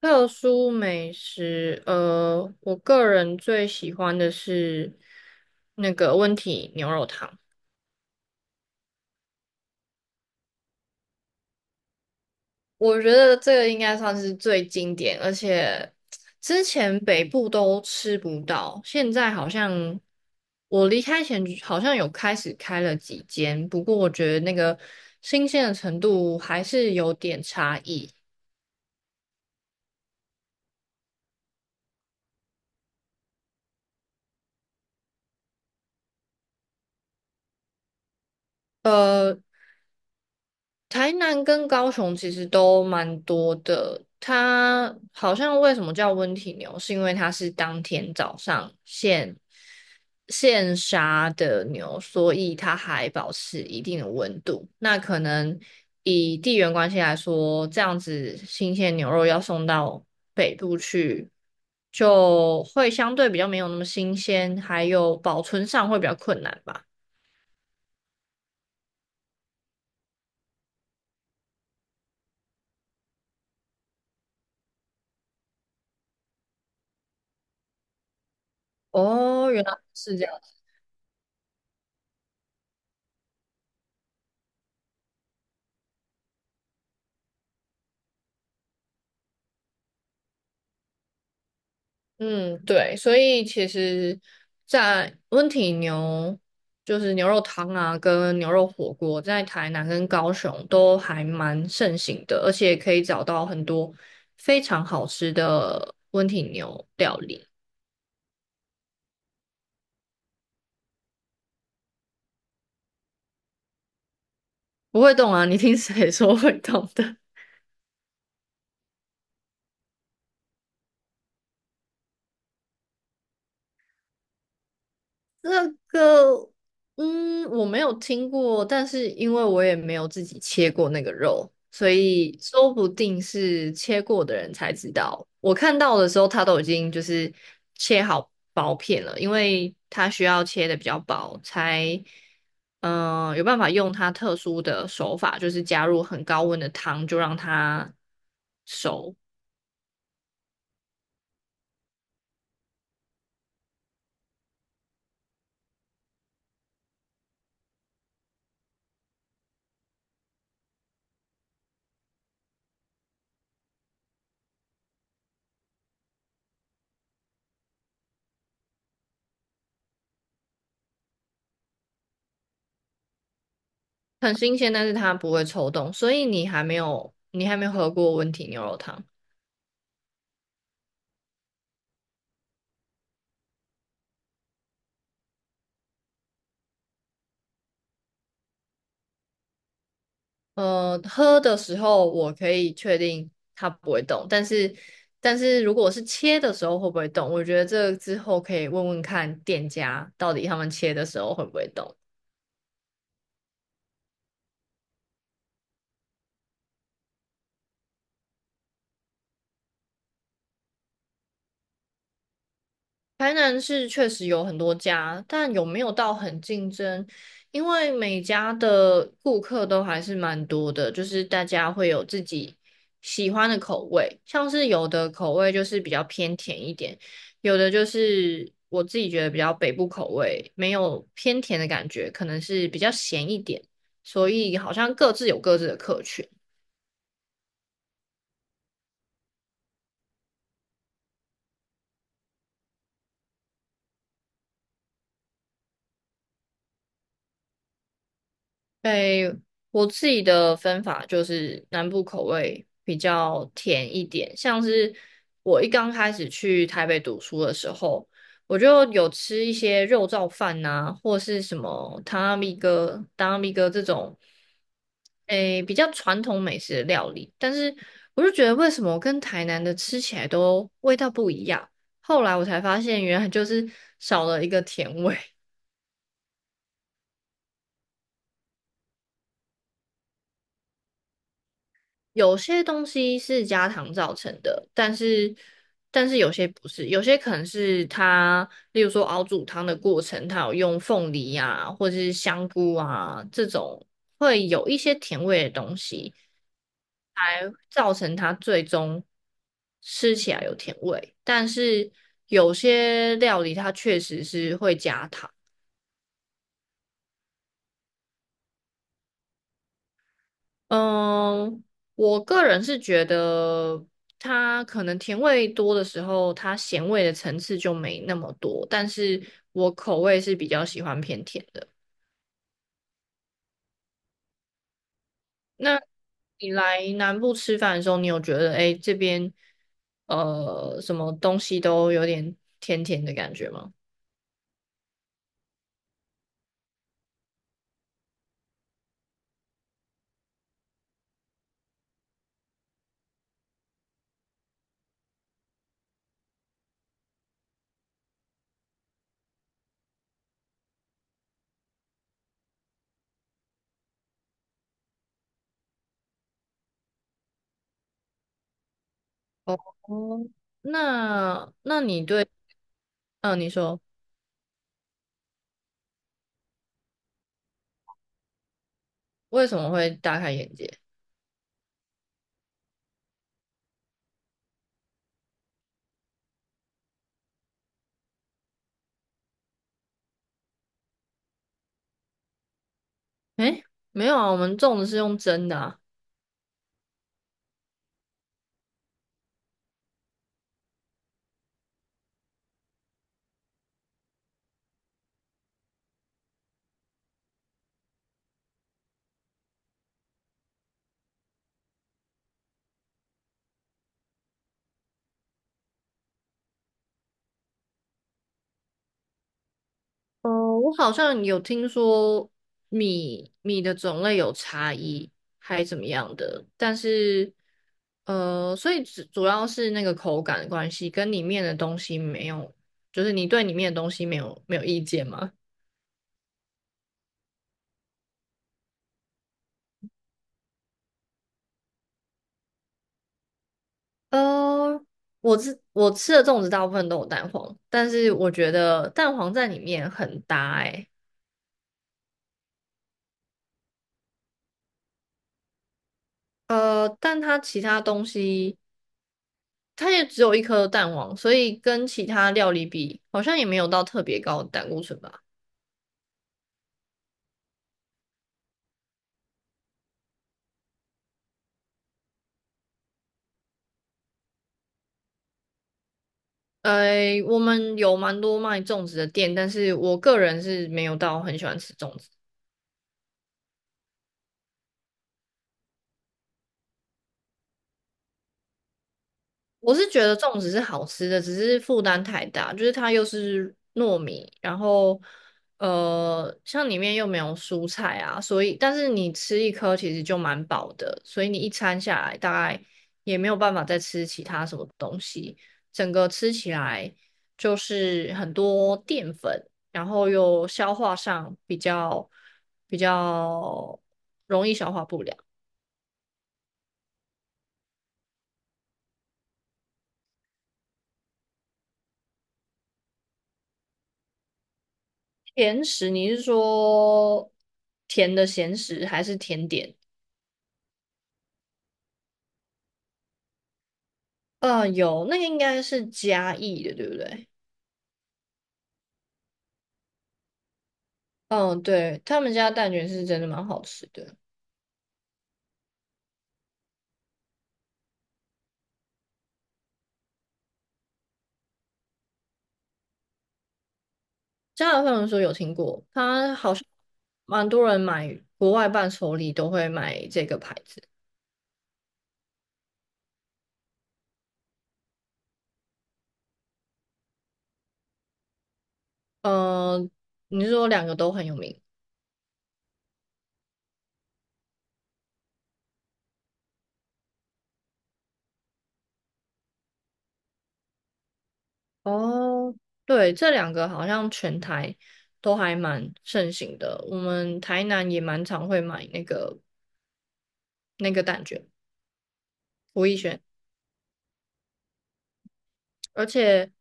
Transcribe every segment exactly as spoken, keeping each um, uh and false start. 特殊美食，呃，我个人最喜欢的是那个温体牛肉汤。我觉得这个应该算是最经典，而且之前北部都吃不到，现在好像我离开前好像有开始开了几间，不过我觉得那个新鲜的程度还是有点差异。呃，台南跟高雄其实都蛮多的，它好像为什么叫温体牛，是因为它是当天早上现现杀的牛，所以它还保持一定的温度。那可能以地缘关系来说，这样子新鲜牛肉要送到北部去，就会相对比较没有那么新鲜，还有保存上会比较困难吧。哦，原来是这样。嗯，对，所以其实，在温体牛就是牛肉汤啊，跟牛肉火锅，在台南跟高雄都还蛮盛行的，而且可以找到很多非常好吃的温体牛料理。不会动啊，你听谁说会动的？这个，嗯，我没有听过，但是因为我也没有自己切过那个肉，所以说不定是切过的人才知道。我看到的时候，它都已经就是切好薄片了，因为它需要切的比较薄，才嗯、呃有办法用它特殊的手法，就是加入很高温的汤，就让它熟。很新鲜，但是它不会抽动，所以你还没有你还没有喝过温体牛肉汤。呃，喝的时候我可以确定它不会动，但是但是如果是切的时候会不会动，我觉得这个之后可以问问看店家到底他们切的时候会不会动。台南是确实有很多家，但有没有到很竞争？因为每家的顾客都还是蛮多的，就是大家会有自己喜欢的口味，像是有的口味就是比较偏甜一点，有的就是我自己觉得比较北部口味，没有偏甜的感觉，可能是比较咸一点，所以好像各自有各自的客群。诶，我自己的分法就是南部口味比较甜一点，像是我一刚开始去台北读书的时候，我就有吃一些肉燥饭呐、或是什么汤阿米哥、汤阿米哥这种，诶，比较传统美食的料理，但是我就觉得为什么跟台南的吃起来都味道不一样，后来我才发现原来就是少了一个甜味。有些东西是加糖造成的，但是但是有些不是，有些可能是它，例如说熬煮汤的过程，它有用凤梨啊，或者是香菇啊这种会有一些甜味的东西，来造成它最终吃起来有甜味。但是有些料理它确实是会加糖。嗯，我个人是觉得它可能甜味多的时候，它咸味的层次就没那么多，但是我口味是比较喜欢偏甜的。那你来南部吃饭的时候，你有觉得哎诶这边呃什么东西都有点甜甜的感觉吗？哦，那那你对，嗯、你说为什么会大开眼界？哎，没有啊，我们粽子是用蒸的啊。哦，我好像有听说米米的种类有差异，还怎么样的，但是呃，所以主主要是那个口感的关系，跟里面的东西没有，就是你对里面的东西没有没有意见吗？呃，我吃我吃的粽子大部分都有蛋黄，但是我觉得蛋黄在里面很搭欸。呃，但它其他东西。它也只有一颗蛋黄，所以跟其他料理比，好像也没有到特别高的胆固醇吧。呃，我们有蛮多卖粽子的店，但是我个人是没有到很喜欢吃粽子。我是觉得粽子是好吃的，只是负担太大，就是它又是糯米，然后呃，像里面又没有蔬菜啊，所以但是你吃一颗其实就蛮饱的，所以你一餐下来大概也没有办法再吃其他什么东西，整个吃起来就是很多淀粉，然后又消化上比较比较容易消化不良。甜食，你是说甜的咸食还是甜点？嗯，有，那个应该是嘉义的，对不对？嗯，对，他们家蛋卷是真的蛮好吃的。加拿大朋友说有听过，他好像蛮多人买国外伴手礼都会买这个牌子。嗯，你是说两个都很有名？哦，对，这两个好像全台都还蛮盛行的。我们台南也蛮常会买那个那个蛋卷，吴亦轩。而且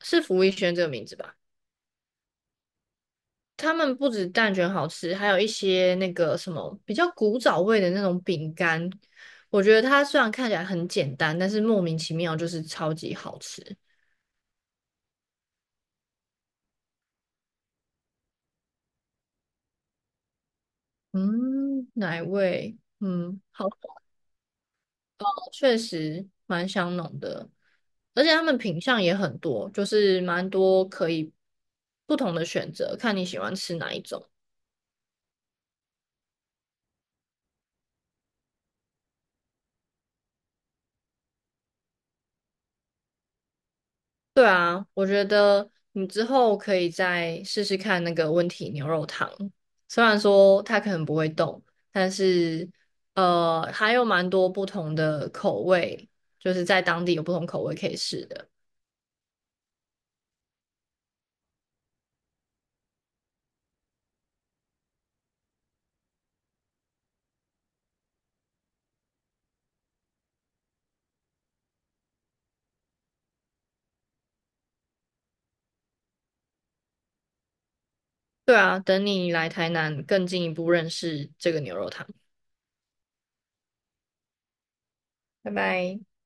是福一轩这个名字吧？他们不止蛋卷好吃，还有一些那个什么比较古早味的那种饼干。我觉得它虽然看起来很简单，但是莫名其妙就是超级好吃。嗯，奶味，嗯，好像确实蛮香浓的，而且他们品相也很多，就是蛮多可以不同的选择，看你喜欢吃哪一种。对啊，我觉得你之后可以再试试看那个温体牛肉汤，虽然说它可能不会动，但是呃，还有蛮多不同的口味，就是在当地有不同口味可以试的。对啊，等你来台南更进一步认识这个牛肉汤。拜拜。